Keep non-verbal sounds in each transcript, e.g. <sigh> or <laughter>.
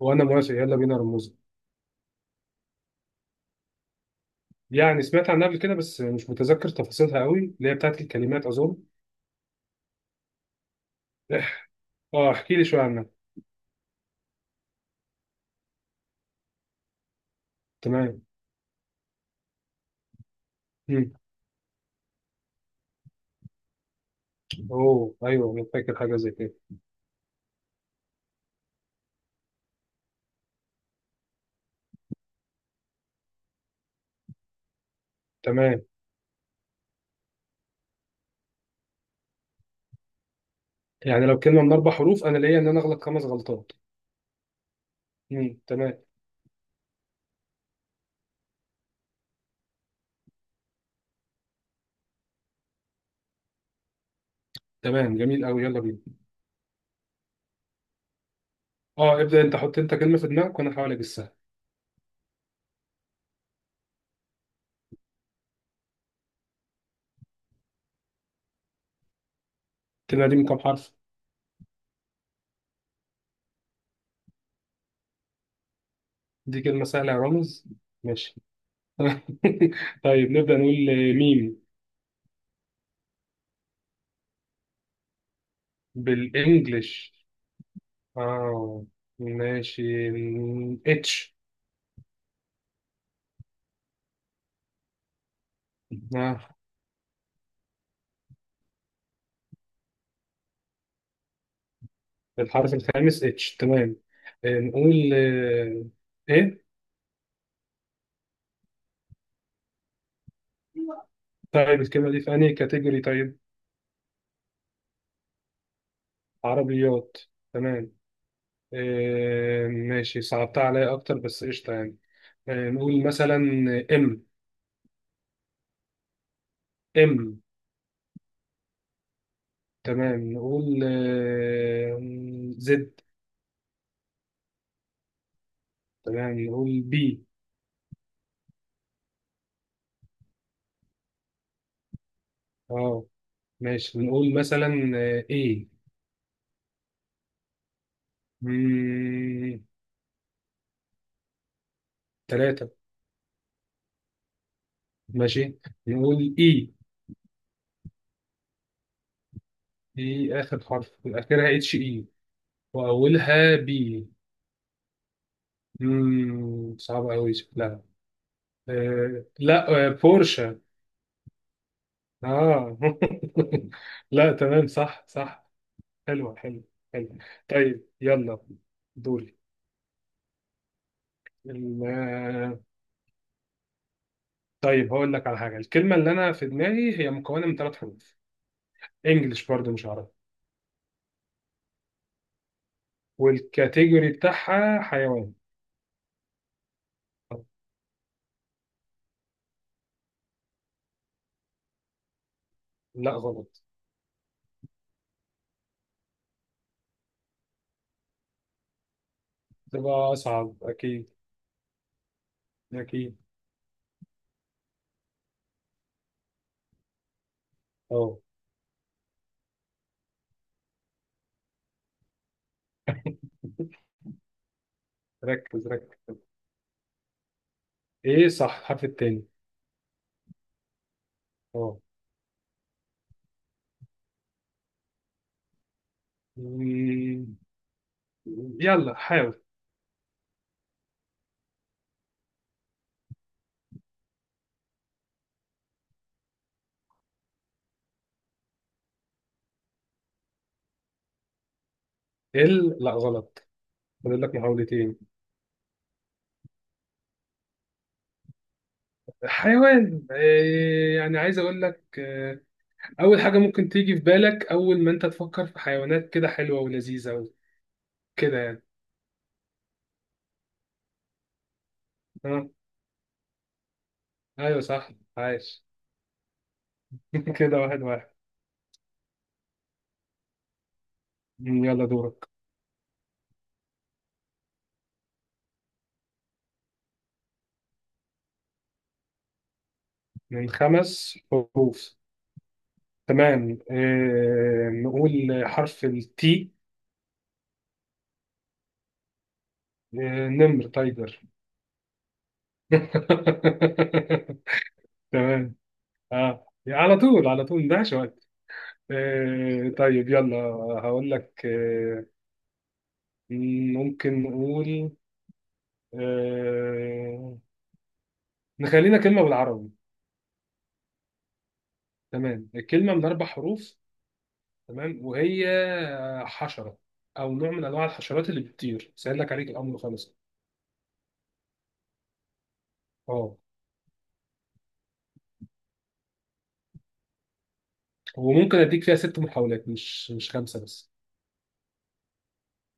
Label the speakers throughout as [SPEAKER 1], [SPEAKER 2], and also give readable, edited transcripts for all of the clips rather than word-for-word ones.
[SPEAKER 1] وانا موافق، يلا بينا رموز. يعني سمعت عنها قبل كده بس مش متذكر تفاصيلها قوي، اللي هي بتاعت الكلمات اظن. <laughs> اه احكي لي شويه عنها. تمام. مم. اوه ايوه انا فاكر حاجه زي كده. تمام. يعني لو كلمه من اربع حروف انا ليا ان انا اغلط خمس غلطات. تمام. تمام جميل قوي، يلا بينا. اه ابدا انت، حط انت كلمه في دماغك وانا هحاول اجسها. الكلمه دي من كام حرف؟ دي كلمه سهله يا رامز. ماشي. <laughs> طيب نبدا نقول ميم. بالانجلش؟ اه ماشي، اتش. آه. الحرف الخامس اتش، تمام. آه، نقول آه، ايه؟ طيب الكلمة دي في أنهي كاتيجوري طيب؟ عربيات. تمام. ماشي، صعبتها عليا أكتر بس قشطة يعني. نقول مثلا إم. إم؟ تمام نقول زد. تمام نقول بي. أه ماشي، نقول مثلا إيه. تلاتة. ماشي نقول اي. اي اخر حرف، اخرها اتش اي. واولها بي. صعب قوي شكلها. لا بورشا. اه. <laughs> لا تمام، صح صح. حلوه حلوه. حلوه. طيب يلا، دوري. الم- آه، طيب هقول لك على حاجه، الكلمه اللي انا في دماغي هي مكونه من ثلاث حروف. انجلش برضو مش عربي. والكاتيجوري بتاعها حيوان. لا غلط. تبقى اصعب اكيد. اكيد. اه ركز ركز. ايه صح الحرف التاني؟ اه. مم، يلا حاول. ال لا غلط. فاضل لك محاولتين. حيوان إيه يعني؟ عايز اقول لك، اول حاجه ممكن تيجي في بالك اول ما انت تفكر في حيوانات كده حلوه ولذيذه و- كده يعني. اه ايوه صح. عايش. <laughs> كده واحد واحد. يلا دورك. من خمس حروف. تمام، إيه نقول حرف التي. إيه، نمر، تايجر. <laughs> تمام. اه على طول على طول، مضيعش وقت. طيب يلا، هقول لك ممكن نقول، آه نخلينا كلمة بالعربي. تمام، الكلمة من أربع حروف. تمام وهي حشرة، أو نوع من أنواع الحشرات اللي بتطير. سهل لك عليك الأمر خالص. اه وممكن أديك فيها ست محاولات مش خمسة بس.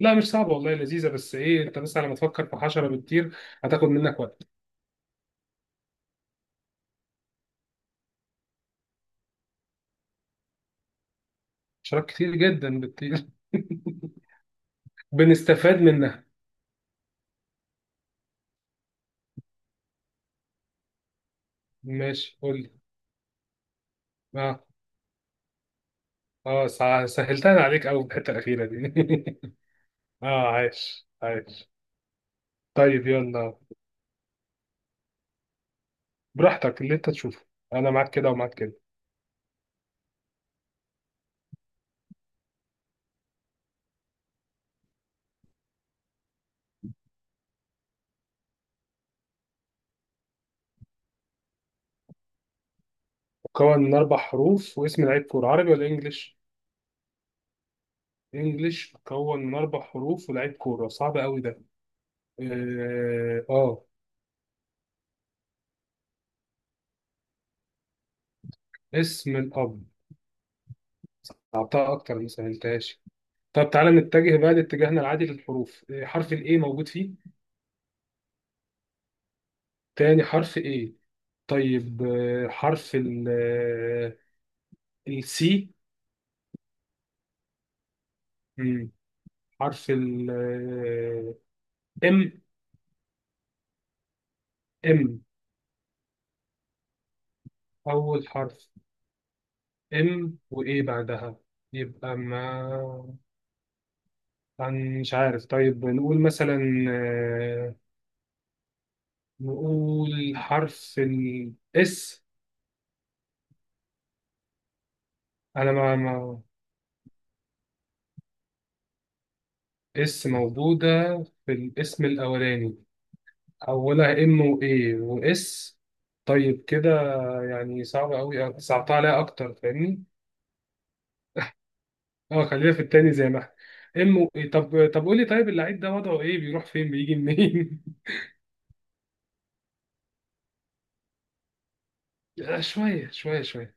[SPEAKER 1] لا مش صعبة والله، لذيذة بس إيه، أنت بس على ما تفكر في حشرة بتطير هتاخد منك وقت. حشرات كتير جدا بتطير. <laughs> بنستفاد منها. ماشي قول لي. اه. اه سهلتها عليك قوي الحته الاخيره دي. <laughs> اه عايش عايش. طيب يلا. براحتك اللي انت تشوفه، انا معاك كده ومعاك كده. مكون من اربع حروف واسم لعيب كوره عربي ولا انجليش؟ انجليش مكون من اربع حروف ولاعيب كوره؟ صعب قوي ده. اه اسم الاب؟ اعطاها اكتر ما سهلتهاش. طب تعالى نتجه بقى لاتجاهنا العادي للحروف، حرف الايه موجود فيه؟ تاني حرف A؟ طيب حرف ال، السي. حرف ال، ام. ام؟ أول حرف ام، وإيه بعدها؟ يبقى ما عن مش عارف، طيب نقول مثلا، آه، نقول حرف الاس. أنا ما ما اس موجودة في الاسم الأولاني. أولها ام وإيه واس، طيب كده يعني صعب أوي، صعبتها عليها أكتر، فاهمني؟ اه خلينا في التاني زي ما احنا. امه طب طب قول لي، طيب اللعيب ده وضعه ايه، بيروح فين بيجي منين؟ <laughs> شويه شويه شويه.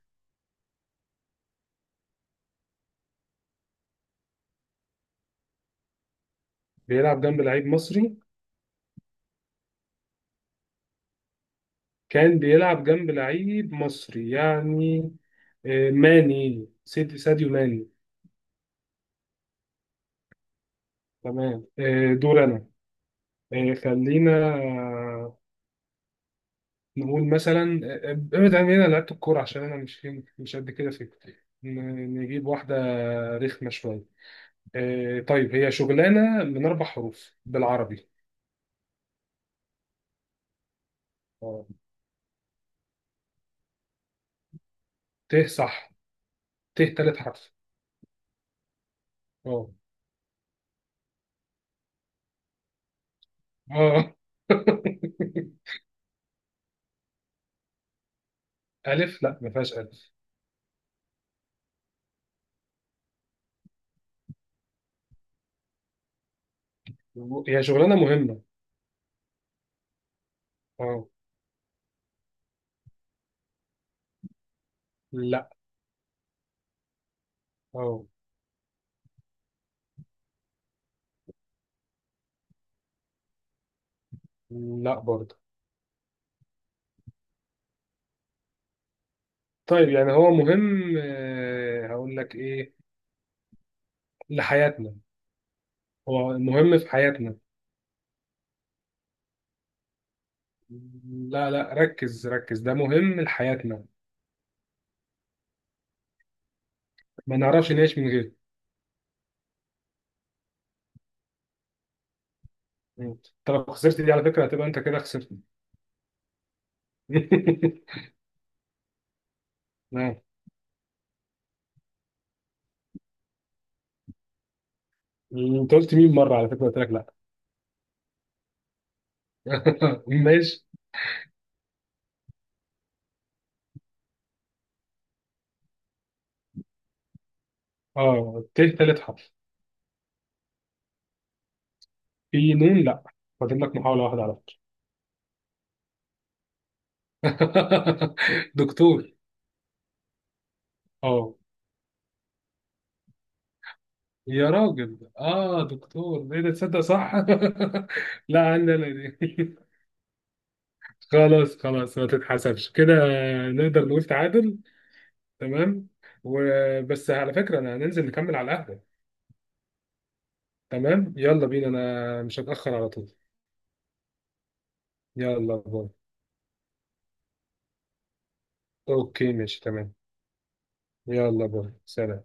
[SPEAKER 1] بيلعب جنب لعيب مصري؟ كان بيلعب جنب لعيب مصري يعني، ساديو ماني. تمام دور انا. آه، خلينا آه، نقول مثلا، ابعد عن هنا لعيبه الكوره، عشان انا مش قد كده في الكورة. نجيب واحده رخمه شويه. طيب هي شغلانه من اربع حروف بالعربي. آه. ت؟ صح، ت تالت حرف. اه. اه. <laughs> ألف؟ لا ما فيهاش ألف. هي شغلانة مهمة. اه. لا. اه. لا برضه. طيب يعني هو مهم، هقول لك إيه، لحياتنا. هو مهم في حياتنا. لا لا ركز ركز، ده مهم لحياتنا. ما نعرفش نعيش من غيره. انت لو خسرت دي على فكرة هتبقى انت كده خسرت. <laughs> نعم؟ انت قلت مين مرة على فكرة، قلت لك لا. <laughs> ماشي. اه ت تالت حرف. في نون؟ لا، فاضل لك محاولة واحدة على فكرة. <laughs> دكتور. اه يا راجل، اه دكتور ايه ده؟ تصدق صح؟ <laughs> لا عندي انا لا دي. <laughs> خلاص خلاص ما تتحسبش كده. نقدر نقول تعادل. تمام. وبس على فكرة انا هننزل نكمل على القهوة. تمام يلا بينا، انا مش هتأخر على طول. يلا باي. اوكي ماشي تمام. يلا باي، سلام.